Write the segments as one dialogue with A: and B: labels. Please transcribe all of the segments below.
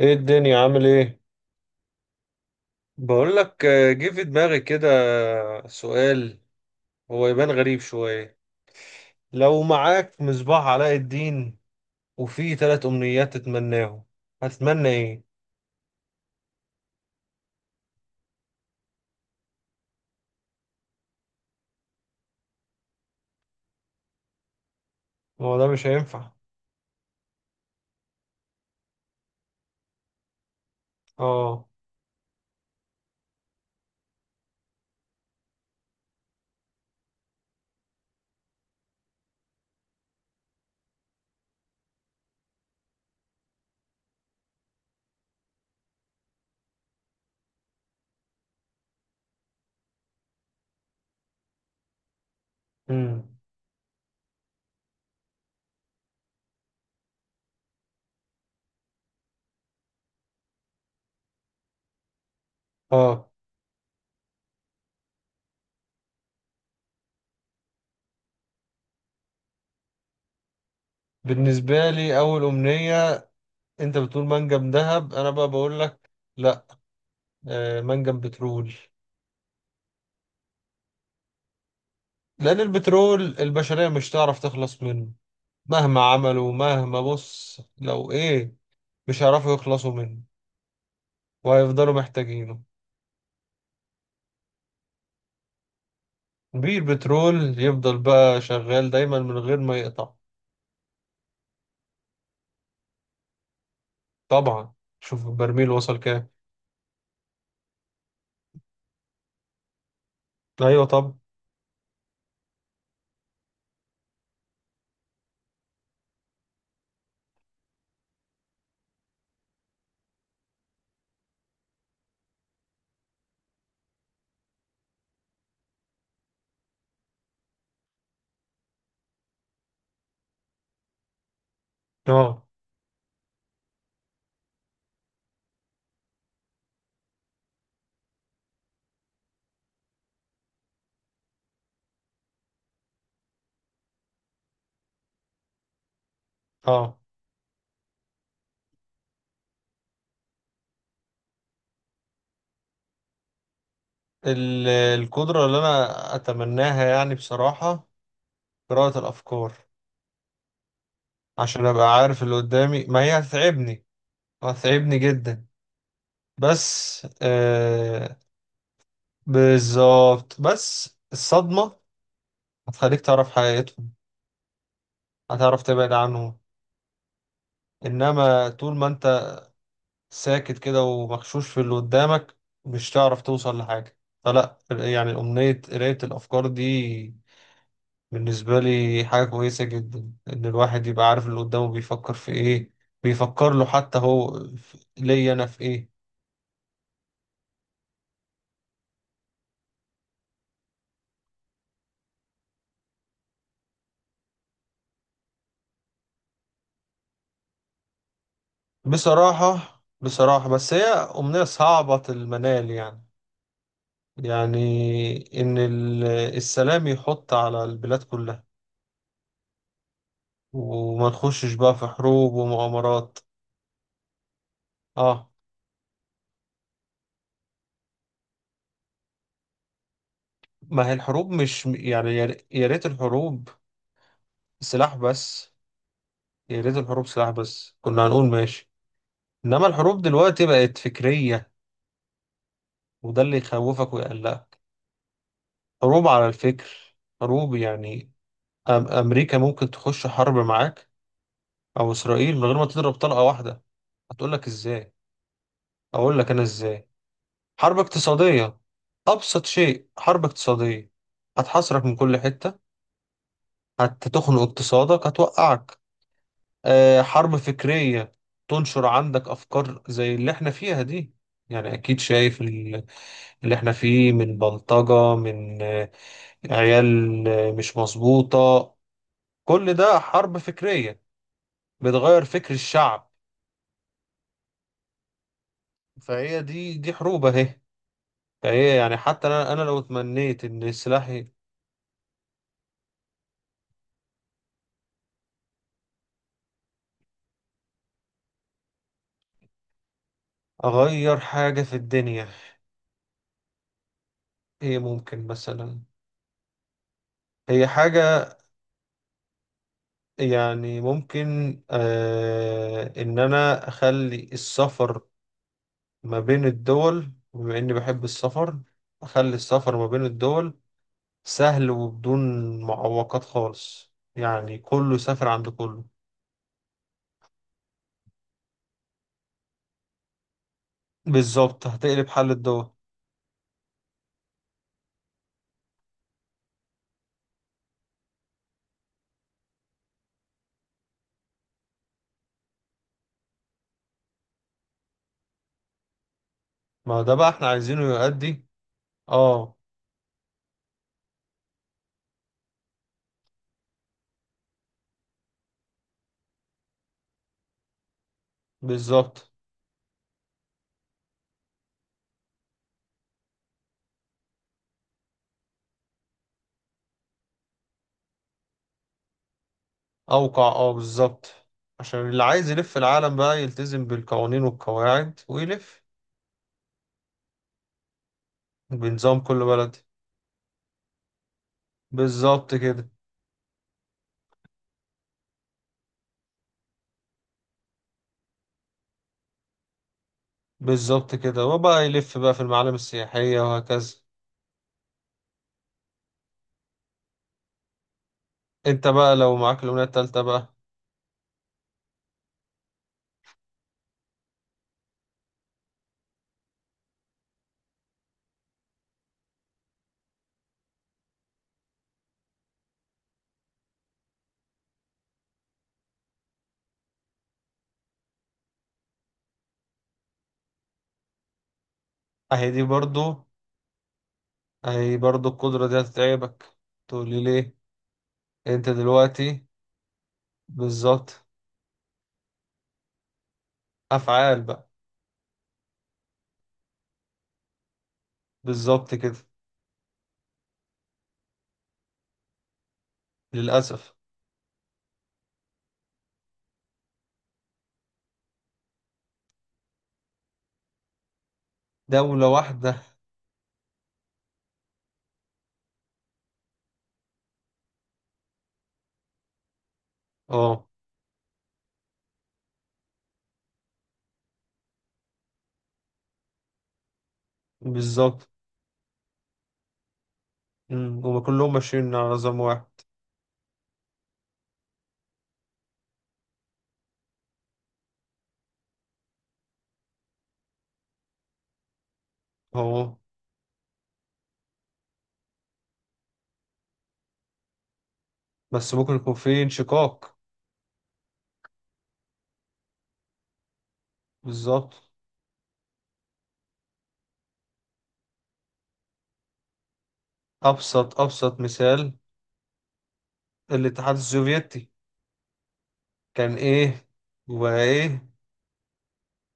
A: ايه الدنيا عامل ايه؟ بقول لك جه في دماغي كده. سؤال. هو يبان غريب شوية. لو معاك مصباح علاء الدين وفيه ثلاث امنيات تتمناهم، هتتمنى ايه؟ هو ده مش هينفع. اه. امم. اه. بالنسبة لي اول امنية، انت بتقول منجم ذهب، انا بقى بقول لك لا. منجم بترول. لان البترول البشرية مش تعرف تخلص منه. مهما عملوا، مهما بص لو ايه، مش هيعرفوا يخلصوا منه وهيفضلوا محتاجينه. بيه البترول يفضل بقى شغال دايما من غير ما يقطع. طبعا. شوف البرميل وصل كام. ايوه. طب. اه. اه. القدرة اللي انا اتمناها يعني بصراحة، قراءة الافكار. عشان ابقى عارف اللي قدامي، ما هي هتتعبني، هتتعبني جدا. بس بالظبط، بس الصدمة هتخليك تعرف حقيقتهم، هتعرف تبعد عنهم. انما طول ما انت ساكت كده ومغشوش في اللي قدامك، مش تعرف توصل لحاجة. فلا، يعني أمنية قراية الأفكار دي بالنسبة لي حاجة كويسة جدا، إن الواحد يبقى عارف اللي قدامه بيفكر في إيه، بيفكر له حتى هو ليا أنا في إيه. بصراحة بصراحة، بس هي أمنية صعبة المنال يعني. يعني إن السلام يحط على البلاد كلها وما نخشش بقى في حروب ومؤامرات. آه. ما هي الحروب مش يعني، يا ريت الحروب سلاح بس. يا ريت الحروب سلاح بس، كنا هنقول ماشي. انما الحروب دلوقتي بقت فكرية، وده اللي يخوفك ويقلقك. حروب على الفكر. حروب يعني، امريكا ممكن تخش حرب معاك، او اسرائيل، من غير ما تضرب طلقة واحدة. هتقول لك ازاي؟ اقول لك انا ازاي. حرب اقتصادية. ابسط شيء حرب اقتصادية. هتحاصرك من كل حتة، هتخنق اقتصادك، هتوقعك. حرب فكرية. تنشر عندك أفكار زي اللي احنا فيها دي. يعني أكيد شايف اللي احنا فيه من بلطجة، من عيال مش مظبوطة. كل ده حرب فكرية بتغير فكر الشعب. فهي دي حروب أهي. فهي يعني حتى أنا لو تمنيت إن سلاحي أغير حاجة في الدنيا. هي ممكن مثلا، هي حاجة يعني ممكن إن أنا أخلي السفر ما بين الدول، بما إني بحب السفر. أخلي السفر ما بين الدول سهل وبدون معوقات خالص، يعني كله سافر عند كله. بالظبط، هتقلب حل الدول. ما ده بقى احنا عايزينه يؤدي. اه بالظبط. أوقع بالظبط. عشان اللي عايز يلف العالم بقى يلتزم بالقوانين والقواعد ويلف بنظام كل بلد. بالظبط كده. بالظبط كده، وبقى يلف بقى في المعالم السياحية وهكذا. انت بقى لو معاك الأمنية التالتة بقى. اهي دي برضو، اهي برضو القدرة دي هتتعبك. تقولي ليه؟ انت دلوقتي. بالظبط. افعال بقى. بالظبط كده. للأسف. دولة واحدة. اه. بالظبط. هما كلهم ماشيين على نظام واحد. اهو. بس ممكن يكون في انشقاق. بالظبط. ابسط ابسط مثال، الاتحاد السوفيتي. كان ايه؟ وايه؟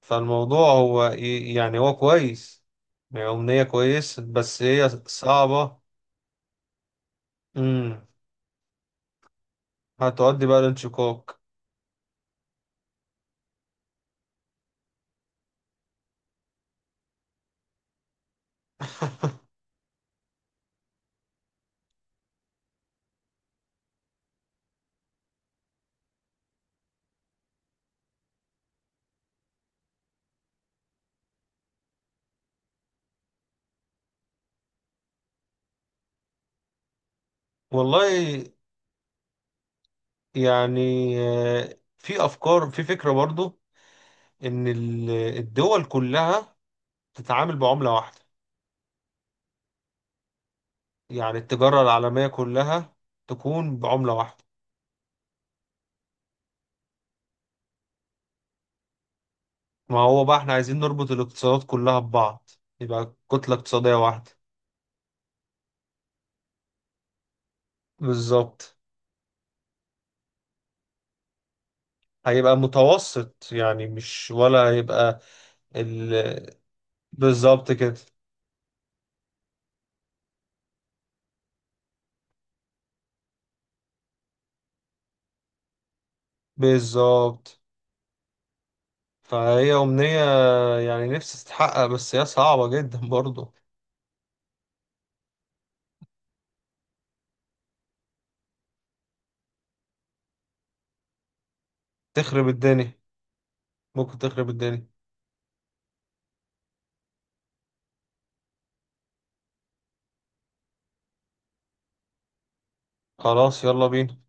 A: فالموضوع هو إيه يعني، هو كويس. يعني أمنية كويس بس هي صعبة. مم. هتؤدي بقى لانشقاق. والله يعني، في افكار، في فكره برضو، ان الدول كلها تتعامل بعمله واحده. يعني التجاره العالميه كلها تكون بعمله واحده. ما هو بقى احنا عايزين نربط الاقتصادات كلها ببعض، يبقى كتله اقتصاديه واحده. بالظبط. هيبقى متوسط، يعني مش ولا هيبقى ال... بالظبط كده. بالظبط، فهي أمنية يعني نفسي تتحقق، بس هي صعبة جدا برضو. تخرب الدنيا. ممكن تخرب الدنيا. خلاص يلا بينا.